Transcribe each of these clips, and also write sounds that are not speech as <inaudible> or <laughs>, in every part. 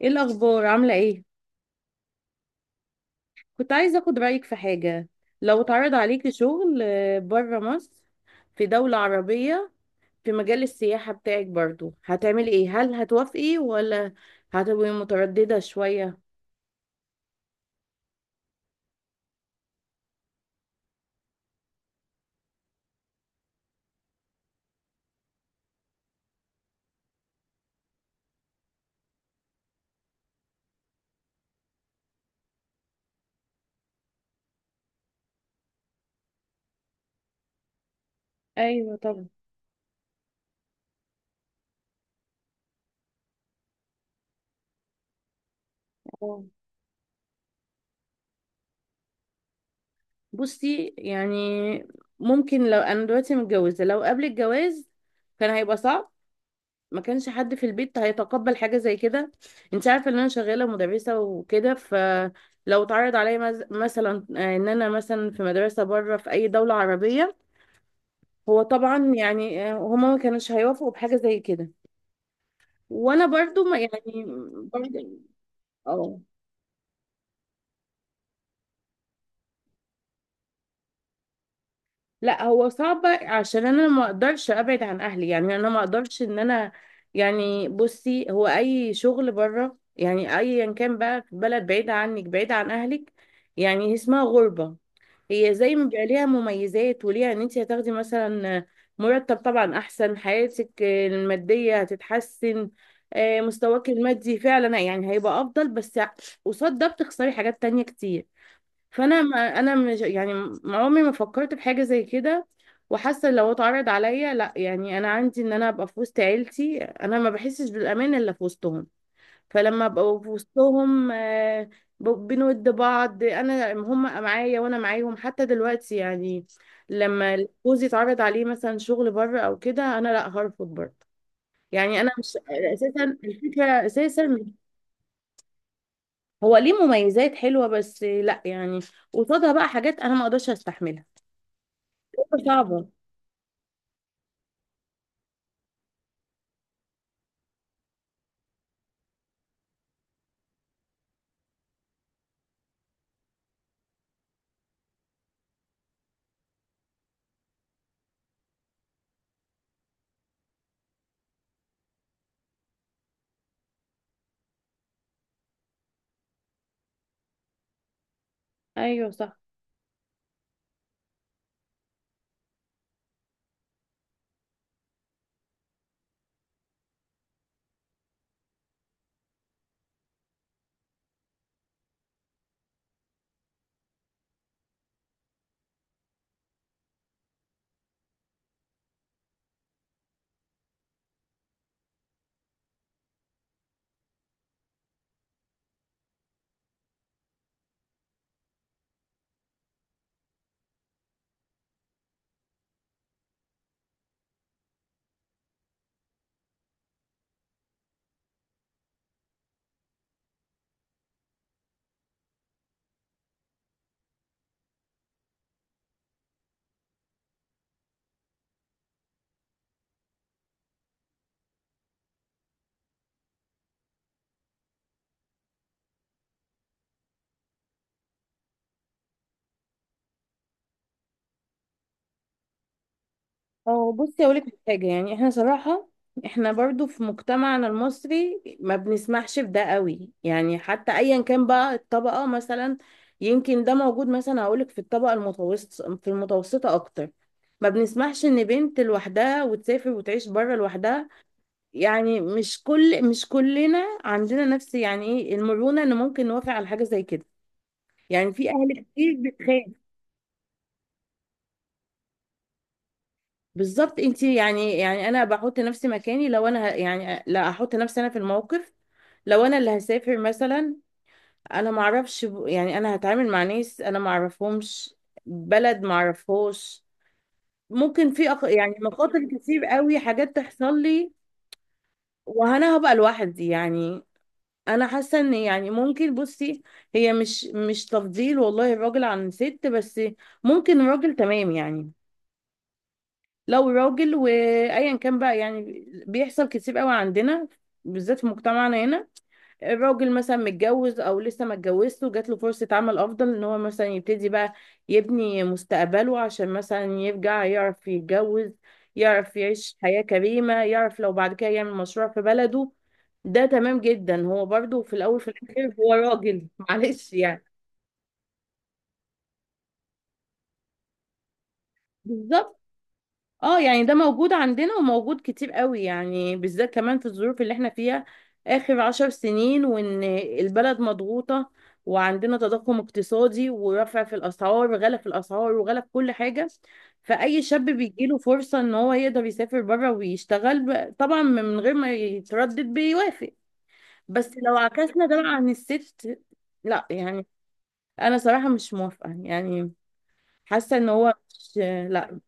ايه الاخبار؟ عامله ايه؟ كنت عايزه اخد رايك في حاجه. لو اتعرض عليكي شغل بره مصر، في دوله عربيه، في مجال السياحه بتاعك برضو هتعملي ايه؟ هل هتوافقي ولا هتبقي متردده شويه؟ ايوه طبعا. اه بصي ممكن لو انا دلوقتي متجوزه، لو قبل الجواز كان هيبقى صعب. ما كانش حد في البيت هيتقبل حاجة زي كده. انت عارفة ان انا شغالة مدرسة وكده، فلو اتعرض عليا مثلا ان انا مثلا في مدرسة بره في اي دولة عربية، هو طبعا هما ما كانوش هيوافقوا بحاجة زي كده. وانا برضو ما يعني برضو اه. لا هو صعب عشان انا ما اقدرش ابعد عن اهلي، يعني انا ما اقدرش ان انا يعني بصي، هو اي شغل بره يعني ايا كان بقى في بلد بعيدة عنك، بعيدة عن اهلك، يعني اسمها غربة. هي زي ما بيبقى ليها مميزات، وليها ان انت هتاخدي مثلا مرتب، طبعا احسن، حياتك المادية هتتحسن. مستواك المادي فعلا يعني هيبقى افضل، بس قصاد ده بتخسري حاجات تانية كتير. فانا ما انا مش يعني ما عمري ما فكرت في حاجه زي كده. وحاسه لو اتعرض عليا لا، يعني انا عندي ان انا ابقى في وسط عيلتي، انا ما بحسش بالامان الا في وسطهم. فلما ابقى في وسطهم بنود بعض، انا هم معايا وانا معاهم حتى دلوقتي يعني. لما جوزي اتعرض عليه مثلا شغل بره او كده، انا لا، هرفض برضه. يعني انا مش الفكره اساسا. هو ليه مميزات حلوه، بس لا يعني قصادها بقى حاجات انا ما اقدرش استحملها. صعبة. ايوه صح. بصي اقول لك حاجة، يعني احنا صراحة احنا برضو في مجتمعنا المصري ما بنسمحش بده قوي، يعني حتى ايا كان بقى الطبقة مثلا. يمكن ده موجود مثلا، هقول لك، في الطبقة المتوسطة، في المتوسطة اكتر ما بنسمحش ان بنت لوحدها وتسافر وتعيش بره لوحدها. يعني مش كلنا عندنا نفس يعني ايه، المرونة ان ممكن نوافق على حاجة زي كده. يعني في اهل كتير بتخاف. بالظبط انت يعني انا بحط نفسي مكاني، لو انا ه- يعني لا احط نفسي انا في الموقف، لو انا اللي هسافر مثلا، انا ما اعرفش انا هتعامل مع ناس انا ما اعرفهمش، بلد ما اعرفهاش. ممكن في أخ... يعني مخاطر كتير قوي حاجات تحصل لي وانا هبقى لوحدي يعني. انا حاسه ان يعني ممكن بصي، هي مش تفضيل والله الراجل عن الست، بس ممكن الراجل تمام يعني لو راجل، وايا كان بقى، يعني بيحصل كتير قوي عندنا، بالذات في مجتمعنا هنا. الراجل مثلا متجوز او لسه ما اتجوزش وجات له فرصة عمل افضل، ان هو مثلا يبتدي بقى يبني مستقبله، عشان مثلا يرجع يعرف يتجوز، يعرف يعيش حياة كريمة، يعرف لو بعد كده يعمل مشروع في بلده. ده تمام جدا، هو برضو في الاول في الاخر هو راجل <laughs> معلش يعني. بالظبط. اه يعني ده موجود عندنا وموجود كتير قوي، يعني بالذات كمان في الظروف اللي احنا فيها اخر 10 سنين. وان البلد مضغوطة وعندنا تضخم اقتصادي ورفع في الاسعار وغلا في الاسعار وغلا في كل حاجة. فاي شاب بيجيله فرصة ان هو يقدر يسافر بره ويشتغل، طبعا من غير ما يتردد بيوافق. بس لو عكسنا ده بقى عن الست، لا يعني انا صراحة مش موافقة يعني. حاسة ان هو مش، لا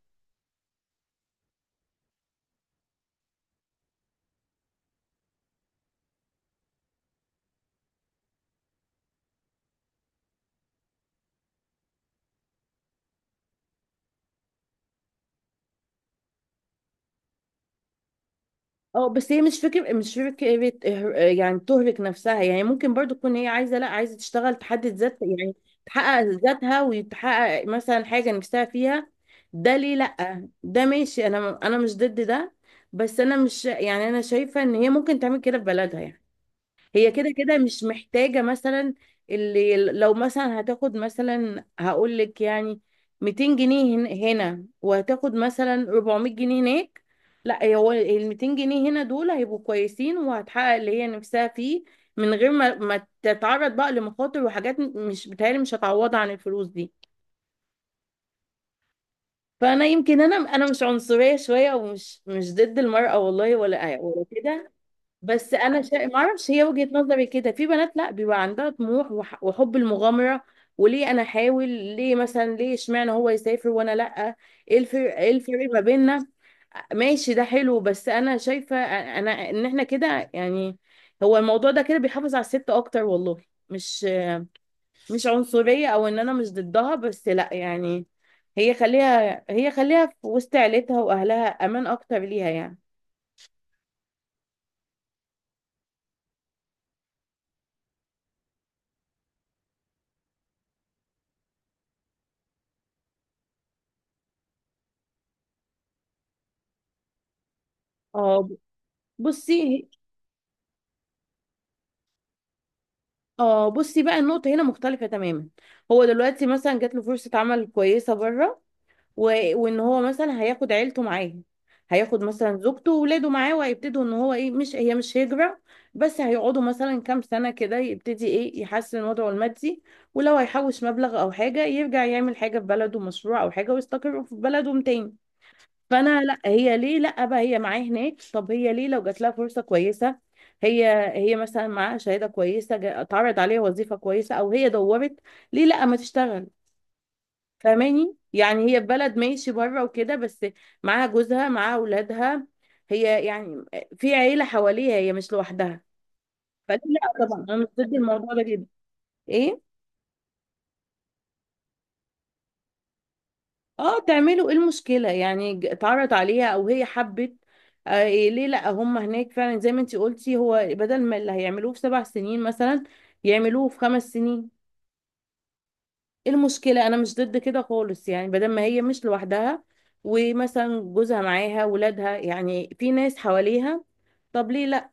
اه، بس هي مش فكرة، يعني تهلك نفسها. يعني ممكن برضو تكون هي عايزة، لا عايزة تشتغل تحدد ذات يعني، تحقق ذاتها، وتحقق مثلا حاجة نفسها فيها. ده ليه لا، ده ماشي، انا مش ضد ده. بس انا مش يعني، انا شايفة ان هي ممكن تعمل كده في بلدها يعني. هي كده كده مش محتاجة مثلا. اللي لو مثلا هتاخد مثلا، هقول لك يعني، 200 جنيه هنا، وهتاخد مثلا 400 جنيه هناك. لا، هو ال 200 جنيه هنا دول هيبقوا كويسين، وهتحقق اللي هي نفسها فيه، من غير ما تتعرض بقى لمخاطر وحاجات مش بتهيألي مش هتعوضها عن الفلوس دي. فانا يمكن، انا مش عنصرية شوية، ومش مش ضد المرأة، والله ولا كده. بس انا شا... ما اعرفش هي وجهة نظري كده في بنات، لا، بيبقى عندها طموح وحب المغامرة. وليه انا احاول؟ ليه مثلا؟ ليه اشمعنى هو يسافر وانا لا؟ ايه الفرق؟ ما بيننا؟ ماشي ده حلو، بس انا شايفة ان احنا كده يعني، هو الموضوع ده كده بيحافظ على الست اكتر والله. مش مش عنصرية او ان انا مش ضدها، بس لا يعني، هي خليها في وسط عيلتها واهلها امان اكتر ليها يعني. اه بصي اه بصي بقى النقطة هنا مختلفة تماما. هو دلوقتي مثلا جات له فرصة عمل كويسة بره، و... وان هو مثلا هياخد عيلته معاه، هياخد مثلا زوجته وولاده معاه، وهيبتدوا ان هو ايه، مش هي مش هجرة، بس هيقعدوا مثلا كام سنة كده، يبتدي ايه يحسن وضعه المادي. ولو هيحوش مبلغ او حاجة، يرجع يعمل حاجة في بلده مشروع او حاجة، ويستقر في بلده تاني. فانا لا، هي ليه لا بقى هي معايا هناك؟ طب هي ليه لو جات لها فرصه كويسه، هي هي مثلا معاها شهاده كويسه، اتعرض عليها وظيفه كويسه، او هي دورت، ليه لا ما تشتغل؟ فاهماني يعني، هي في بلد ماشي بره وكده، بس معاها جوزها، معاها اولادها، هي يعني في عيله حواليها، هي مش لوحدها. فليه لا؟ طبعا انا مش ضد الموضوع ده جدا. ايه. اه تعملوا ايه المشكلة، يعني اتعرض عليها او هي حبت. آه إيه ليه لا؟ هم هناك فعلا زي ما انتي قلتي، هو بدل ما اللي هيعملوه في 7 سنين مثلا، يعملوه في 5 سنين. ايه المشكلة؟ انا مش ضد كده خالص يعني، بدل ما هي مش لوحدها، ومثلا جوزها معاها، ولادها، يعني في ناس حواليها، طب ليه؟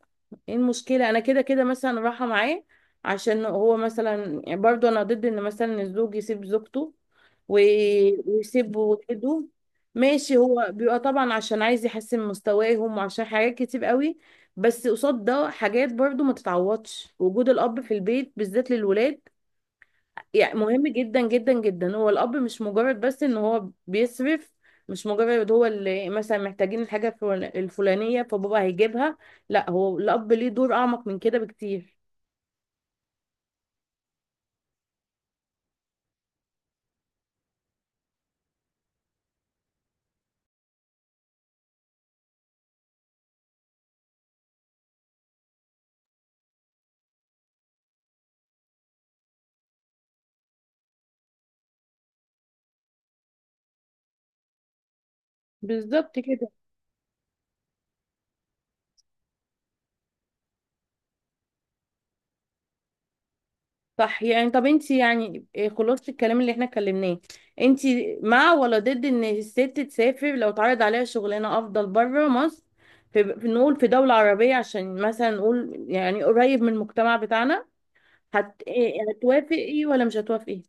ايه المشكلة؟ انا كده كده مثلا رايحة معاه، عشان هو مثلا، يعني برضو انا ضد ان مثلا الزوج يسيب زوجته و- ويسيب ولاده. ماشي هو بيبقى طبعا عشان عايز يحسن مستواهم وعشان حاجات كتير قوي، بس قصاد ده حاجات برضو ما تتعوضش، وجود الاب في البيت بالذات للولاد يعني مهم جدا جدا جدا. هو الاب مش مجرد بس ان هو بيصرف، مش مجرد هو اللي مثلا محتاجين الحاجه الفلانيه فبابا هيجيبها، لا، هو الاب ليه دور اعمق من كده بكتير. بالظبط كده. صح يعني. طب انت يعني إيه خلاصه الكلام اللي احنا اتكلمناه؟ انت مع ولا ضد ان الست تسافر لو اتعرض عليها شغلانه افضل بره مصر، في نقول في دوله عربيه عشان مثلا نقول يعني قريب من المجتمع بتاعنا؟ هتوافقي ولا مش هتوافقي؟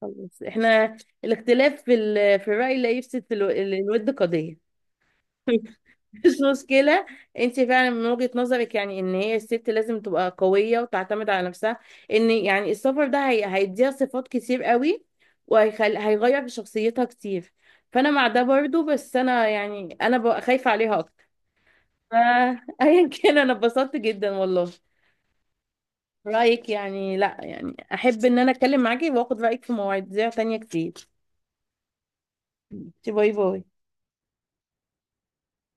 خلاص، احنا الاختلاف في في الرأي لا يفسد الود قضية. <laughs> مش مشكلة. انت فعلا من وجهة نظرك يعني ان هي الست لازم تبقى قوية وتعتمد على نفسها، ان يعني السفر ده هيديها صفات كتير قوي، هيغير في شخصيتها كتير. فانا مع ده برضو، بس انا يعني انا ببقى خايفة عليها اكتر. فايا <laughs> كان، انا اتبسطت جدا والله. رأيك يعني، لا يعني احب ان انا اتكلم معاكي واخد رأيك في مواضيع تانية كتير. باي باي.